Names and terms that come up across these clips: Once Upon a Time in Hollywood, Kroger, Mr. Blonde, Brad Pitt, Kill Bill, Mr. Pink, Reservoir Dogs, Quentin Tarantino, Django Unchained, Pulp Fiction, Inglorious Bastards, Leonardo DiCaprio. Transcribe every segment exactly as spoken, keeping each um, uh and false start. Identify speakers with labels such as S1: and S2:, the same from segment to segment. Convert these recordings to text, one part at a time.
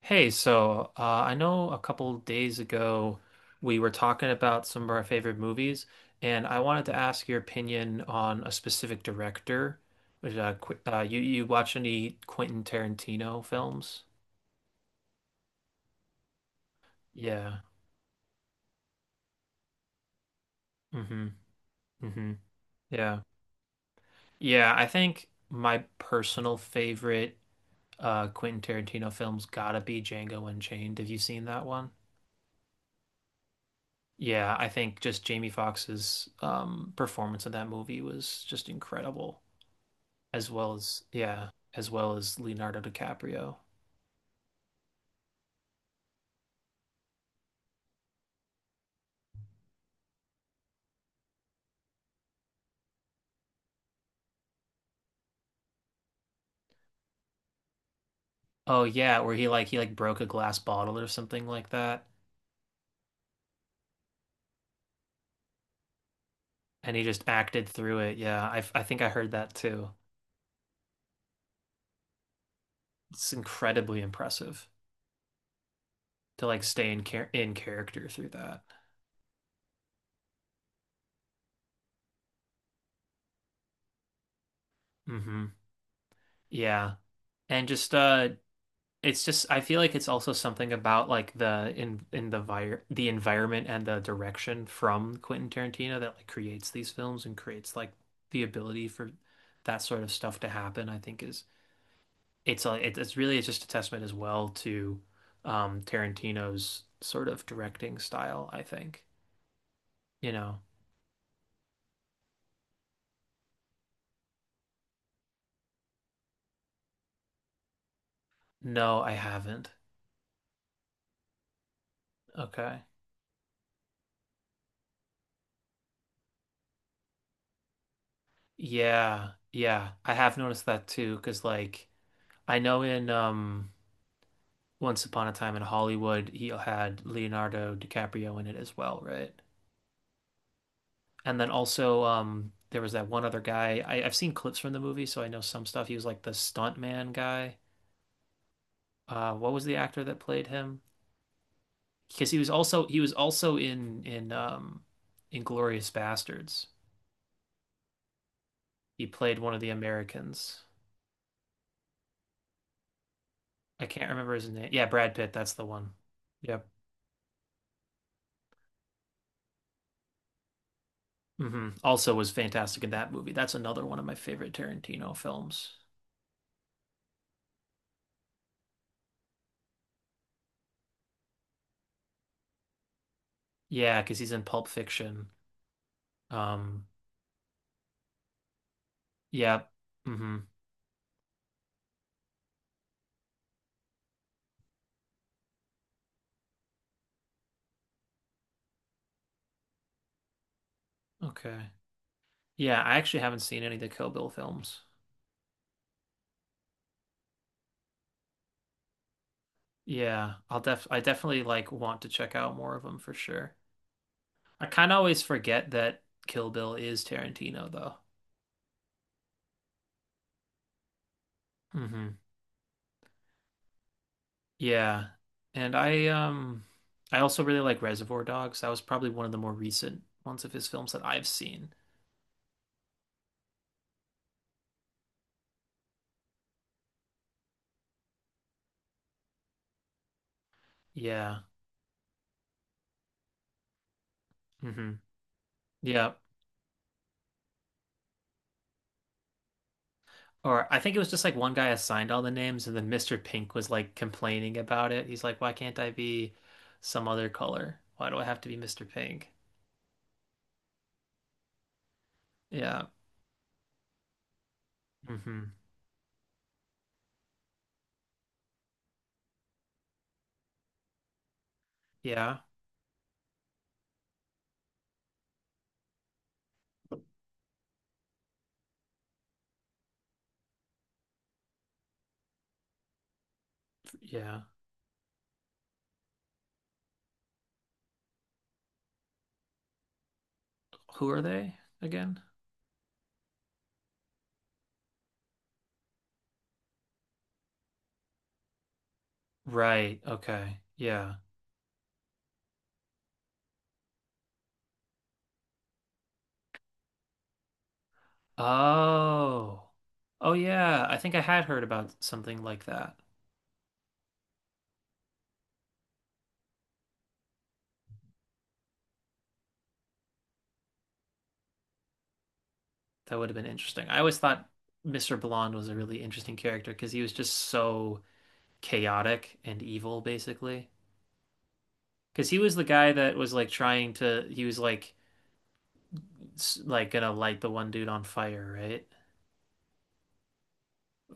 S1: Hey, so uh, I know a couple days ago we were talking about some of our favorite movies, and I wanted to ask your opinion on a specific director. Which, uh, Qu- uh, you you watch any Quentin Tarantino films? Yeah. Mm-hmm. Mm-hmm. Yeah. Yeah. I think my personal favorite uh, Quentin Tarantino film's gotta be Django Unchained. Have you seen that one? Yeah, I think just Jamie Foxx's um, performance in that movie was just incredible. as well as yeah, as well as Leonardo DiCaprio. Oh yeah, where he like he like broke a glass bottle or something like that, and he just acted through it. Yeah, I I think I heard that too. It's incredibly impressive to like stay in char in character through that. Hmm. Yeah, and just uh it's just I feel like it's also something about like the in in the vir the environment and the direction from Quentin Tarantino that like creates these films and creates like the ability for that sort of stuff to happen. I think is it's a, it, it's really it's just a testament as well to um Tarantino's sort of directing style, I think. You know. No, I haven't. Okay. Yeah. Yeah. I have noticed that too, 'cause like I know in um Once Upon a Time in Hollywood, he had Leonardo DiCaprio in it as well, right? And then also, um, there was that one other guy. I, I've seen clips from the movie, so I know some stuff. He was like the stuntman guy. Uh, what was the actor that played him? Because he was also he was also in in um, Inglorious Bastards. He played one of the Americans. I can't remember his name. Yeah, Brad Pitt. That's the one. Yep. Hmm. Also was fantastic in that movie. That's another one of my favorite Tarantino films. Yeah, because he's in Pulp Fiction. Um, yeah. Hmm. Okay. Yeah, I actually haven't seen any of the Kill Bill films. Yeah, I'll def I definitely like want to check out more of them for sure. I kind of always forget that Kill Bill is Tarantino though. Hmm. Yeah. And I, um, I also really like Reservoir Dogs. That was probably one of the more recent ones of his films that I've seen. Yeah. Hmm. Yeah. Or I think it was just like one guy assigned all the names, and then mister Pink was like complaining about it. He's like, "Why can't I be some other color? Why do I have to be mister Pink?" Yeah. Hmm. Yeah. Yeah. Who are they again? Right. Okay. Yeah. Oh. Oh yeah. I think I had heard about something like that. That would have been interesting. I always thought mister Blonde was a really interesting character because he was just so chaotic and evil, basically. Because he was the guy that was like trying to, he was like, like gonna light the one dude on fire, right?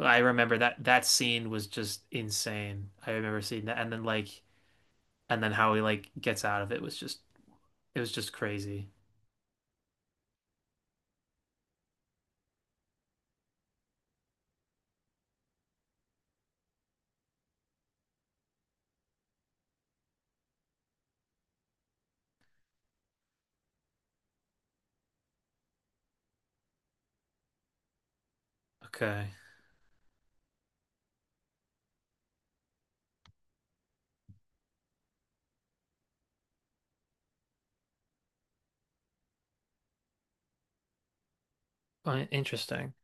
S1: I remember that that scene was just insane. I remember seeing that, and then like, and then how he like gets out of it was just, it was just crazy. Okay. Uh, interesting.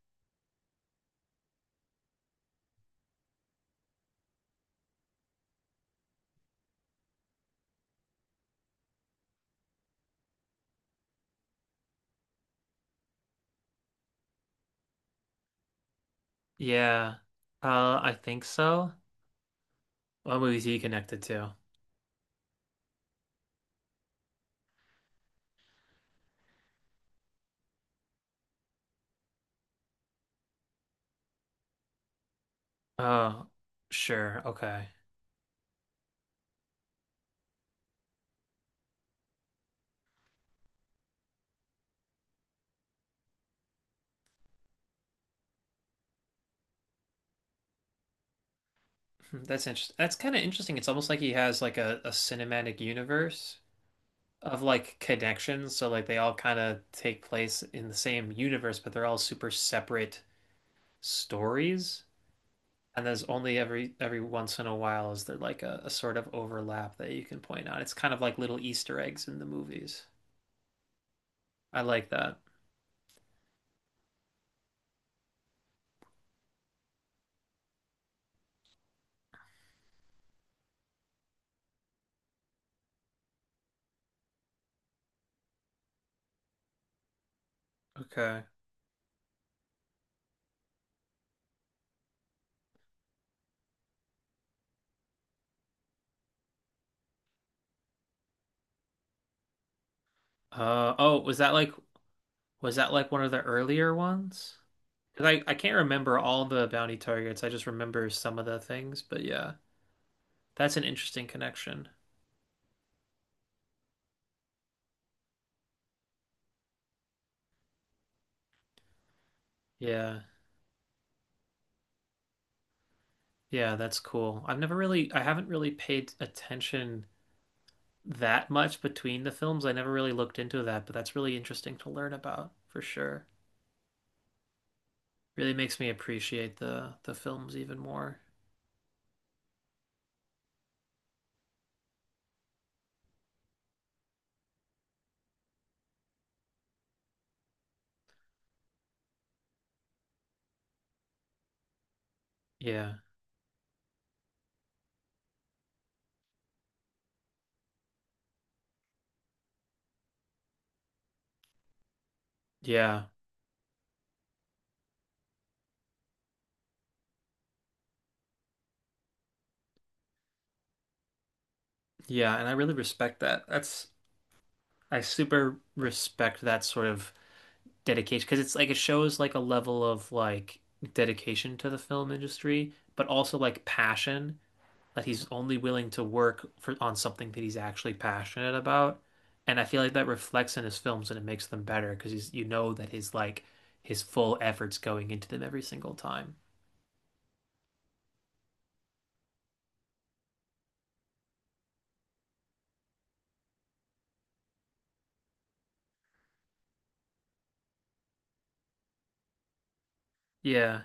S1: Yeah, uh, I think so. What movies he connected to? Oh, sure, okay. Hmm, that's interesting. That's kind of interesting. It's almost like he has like a, a cinematic universe of like connections. So like they all kind of take place in the same universe, but they're all super separate stories. And there's only every every once in a while is there like a, a sort of overlap that you can point out. It's kind of like little Easter eggs in the movies. I like that. Okay. Uh oh, was that like was that like one of the earlier ones? 'Cause I I can't remember all the bounty targets. I just remember some of the things, but yeah. That's an interesting connection. Yeah. Yeah, that's cool. I've never really, I haven't really paid attention that much between the films. I never really looked into that, but that's really interesting to learn about for sure. Really makes me appreciate the the films even more. Yeah. Yeah. Yeah, and I really respect that. That's I super respect that sort of dedication because it's like it shows like a level of like dedication to the film industry, but also like passion, that he's only willing to work for on something that he's actually passionate about. And I feel like that reflects in his films and it makes them better because he's you know that his like his full effort's going into them every single time. Yeah.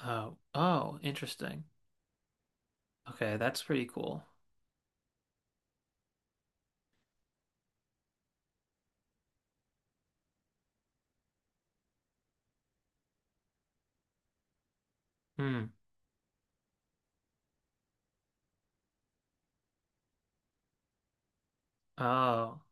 S1: Oh. Oh, interesting. Okay, that's pretty cool. Hmm. Oh.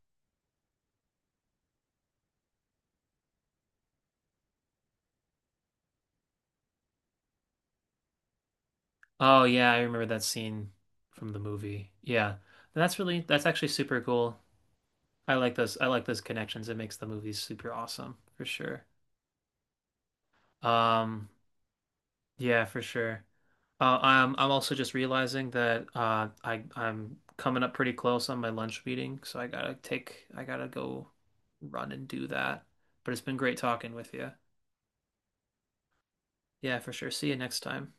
S1: Oh yeah, I remember that scene from the movie. Yeah. That's really that's actually super cool. I like those I like those connections. It makes the movies super awesome for sure. Um, yeah, for sure. Uh, I'm I'm also just realizing that uh, I I'm coming up pretty close on my lunch meeting, so I gotta take I gotta go run and do that. But it's been great talking with you. Yeah, for sure. See you next time.